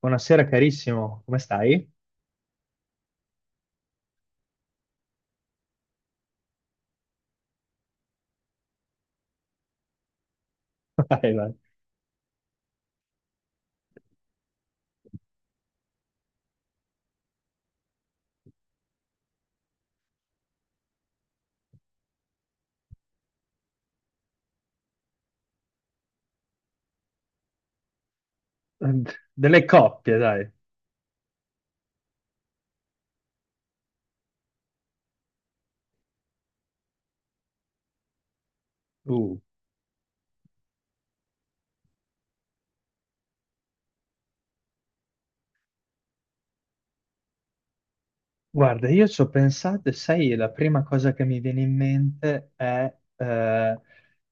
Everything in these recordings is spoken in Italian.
Buonasera carissimo, come stai? Vai, vai. Delle coppie, dai. Uh. Guarda, io ci ho pensato e sai, la prima cosa che mi viene in mente è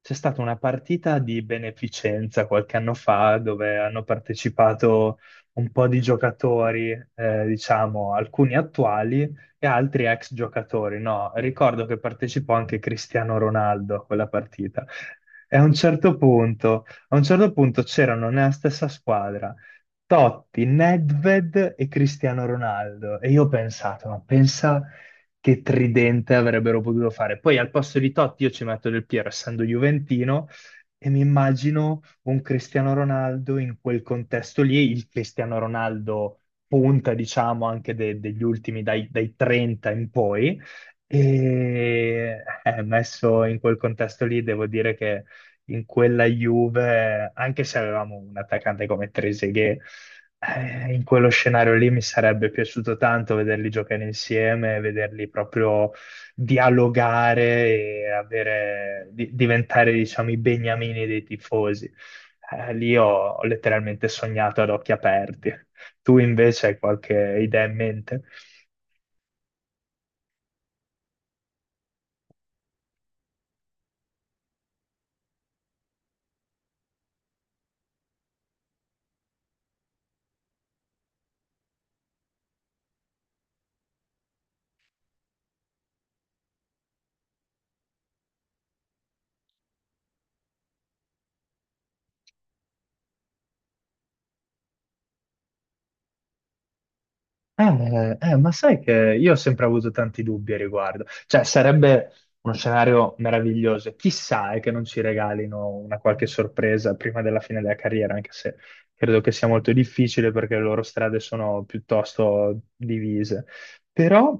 c'è stata una partita di beneficenza qualche anno fa dove hanno partecipato un po' di giocatori, diciamo, alcuni attuali e altri ex giocatori. No, ricordo che partecipò anche Cristiano Ronaldo a quella partita. E a un certo punto, a un certo punto c'erano nella stessa squadra. Totti, Nedved e Cristiano Ronaldo. E io ho pensato, ma pensa che tridente avrebbero potuto fare. Poi al posto di Totti io ci metto Del Piero, essendo juventino, e mi immagino un Cristiano Ronaldo in quel contesto lì, il Cristiano Ronaldo punta, diciamo, anche degli ultimi, dai, dai 30 in poi. Messo in quel contesto lì, devo dire che in quella Juve, anche se avevamo un attaccante come Trezeguet, in quello scenario lì mi sarebbe piaciuto tanto vederli giocare insieme, vederli proprio dialogare e diventare, diciamo, i beniamini dei tifosi. Lì ho letteralmente sognato ad occhi aperti. Tu invece hai qualche idea in mente? Ma sai che io ho sempre avuto tanti dubbi a riguardo. Cioè, sarebbe uno scenario meraviglioso. Chissà è che non ci regalino una qualche sorpresa prima della fine della carriera, anche se credo che sia molto difficile perché le loro strade sono piuttosto divise. Però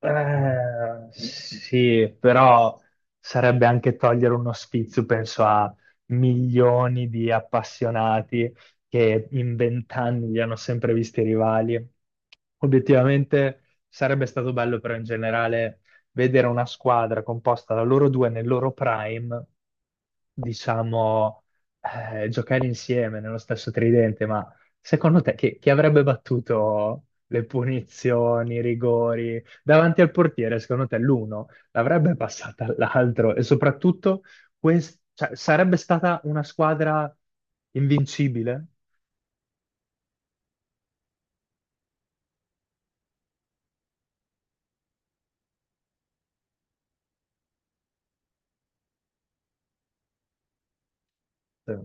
sì, però sarebbe anche togliere uno spizio, penso a milioni di appassionati che in vent'anni li hanno sempre visti rivali. Obiettivamente sarebbe stato bello, però in generale vedere una squadra composta da loro due nel loro prime, diciamo, giocare insieme nello stesso tridente, ma secondo te chi avrebbe battuto le punizioni, i rigori? Davanti al portiere, secondo te l'uno l'avrebbe passata all'altro e soprattutto cioè, sarebbe stata una squadra invincibile? Eh,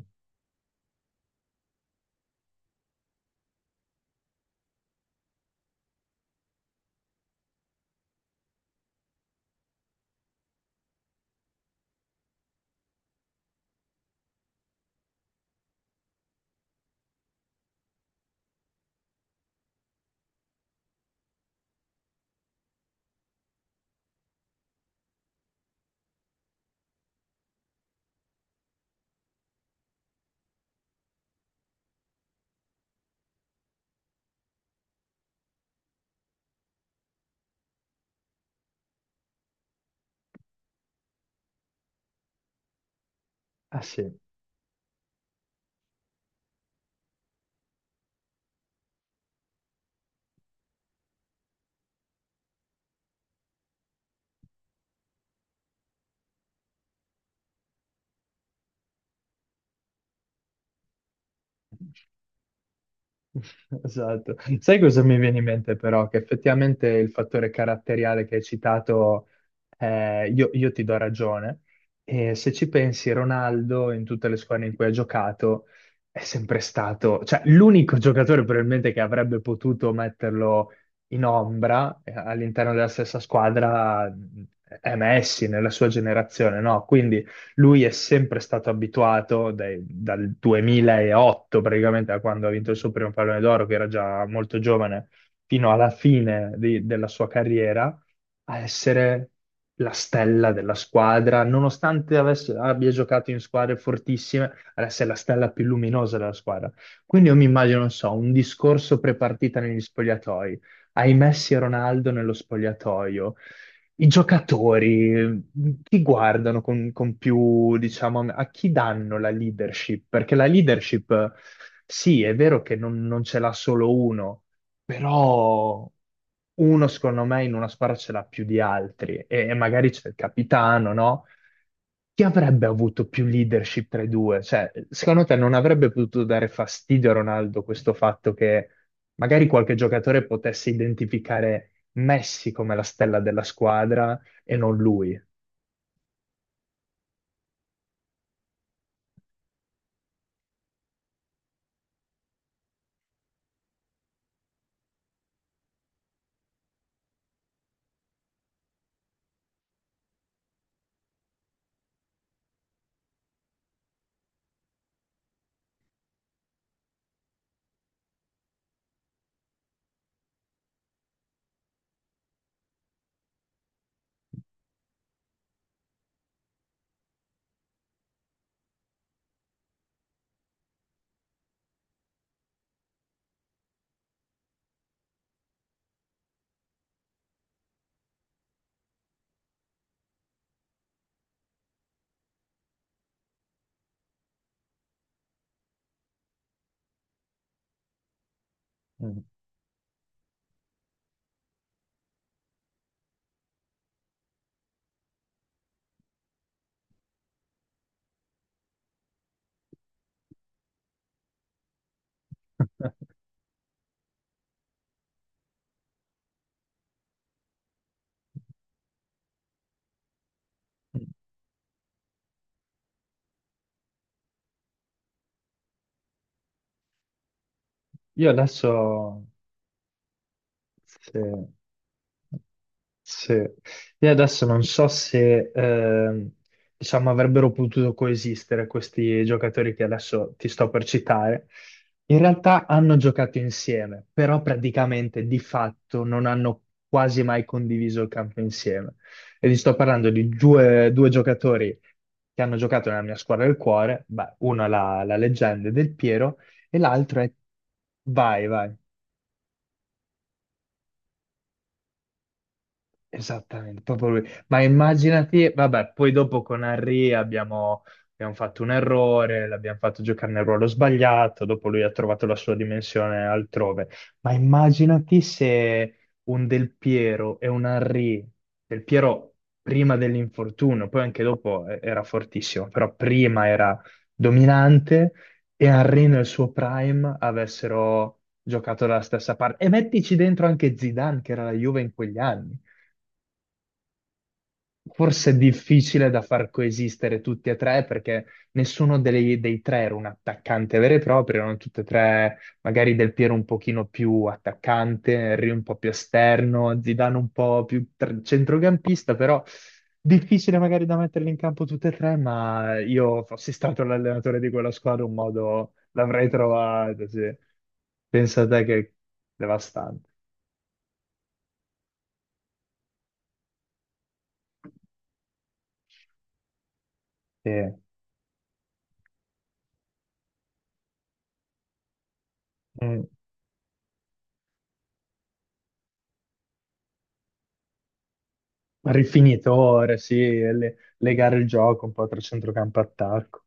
Ah sì, esatto. Sai cosa mi viene in mente però? Che effettivamente il fattore caratteriale che hai citato, io ti do ragione. E se ci pensi, Ronaldo in tutte le squadre in cui ha giocato è sempre stato, cioè l'unico giocatore probabilmente che avrebbe potuto metterlo in ombra all'interno della stessa squadra è Messi nella sua generazione, no? Quindi lui è sempre stato abituato dal 2008, praticamente da quando ha vinto il suo primo pallone d'oro, che era già molto giovane, fino alla fine della sua carriera, a essere la stella della squadra, nonostante abbia giocato in squadre fortissime, adesso è la stella più luminosa della squadra. Quindi io mi immagino, non so, un discorso prepartita negli spogliatoi, ai Messi e Ronaldo nello spogliatoio i giocatori, chi guardano con più, diciamo, a chi danno la leadership? Perché la leadership, sì, è vero che non ce l'ha solo uno, però uno, secondo me, in una squadra ce l'ha più di altri e magari c'è il capitano, no? Chi avrebbe avuto più leadership tra i due? Cioè, secondo te non avrebbe potuto dare fastidio a Ronaldo questo fatto che magari qualche giocatore potesse identificare Messi come la stella della squadra e non lui. Mm. Io adesso, sì. Sì. Io adesso non so se diciamo avrebbero potuto coesistere questi giocatori che adesso ti sto per citare. In realtà hanno giocato insieme, però praticamente di fatto non hanno quasi mai condiviso il campo insieme. E ti sto parlando di due giocatori che hanno giocato nella mia squadra del cuore, beh, uno è la leggenda del Piero e l'altro è... Vai, vai. Esattamente, proprio lui. Ma immaginati, vabbè, poi dopo con Henry abbiamo, abbiamo fatto un errore, l'abbiamo fatto giocare nel ruolo sbagliato, dopo lui ha trovato la sua dimensione altrove. Ma immaginati se un Del Piero e un Henry, Del Piero prima dell'infortunio, poi anche dopo era fortissimo, però prima era dominante e Henry nel suo prime avessero giocato dalla stessa parte. E mettici dentro anche Zidane, che era la Juve in quegli anni. Forse è difficile da far coesistere tutti e tre perché nessuno dei tre era un attaccante vero e proprio, erano tutti e tre, magari Del Piero un pochino più attaccante, Henry un po' più esterno, Zidane un po' più centrocampista, però difficile magari da metterli in campo tutti e tre, ma io fossi stato l'allenatore di quella squadra un modo l'avrei trovato, sì. Pensa a te che devastante. Sì. Mm. Rifinitore, sì, e legare il gioco un po' tra centrocampo e attacco.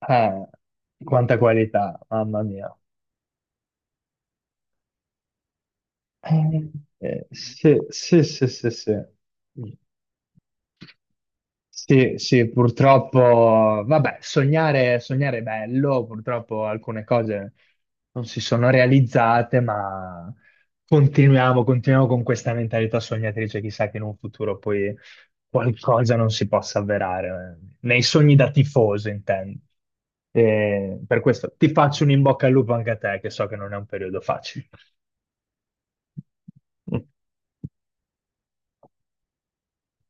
Ah, quanta qualità, mamma mia. Eh, sì, sì, sì, sì, sì. Sì, sì, purtroppo, vabbè, sognare, sognare è bello, purtroppo alcune cose non si sono realizzate, ma continuiamo, continuiamo con questa mentalità sognatrice, chissà che in un futuro poi qualcosa non si possa avverare, eh. Nei sogni da tifoso intendo. E per questo ti faccio un in bocca al lupo anche a te, che so che non è un periodo facile.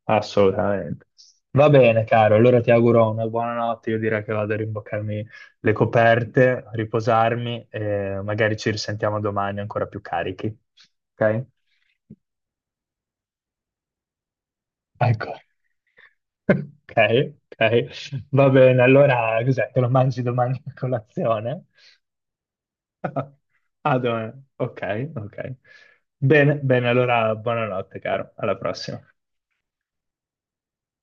Assolutamente. Va bene, caro. Allora ti auguro una buona notte. Io direi che vado a rimboccarmi le coperte, riposarmi e magari ci risentiamo domani ancora più carichi. Ok? Ecco. Ok, ok. Va bene. Allora, cos'è? Te lo mangi domani a colazione? Ah, domani. Ok, ok. Bene, bene. Allora, buonanotte, caro. Alla prossima.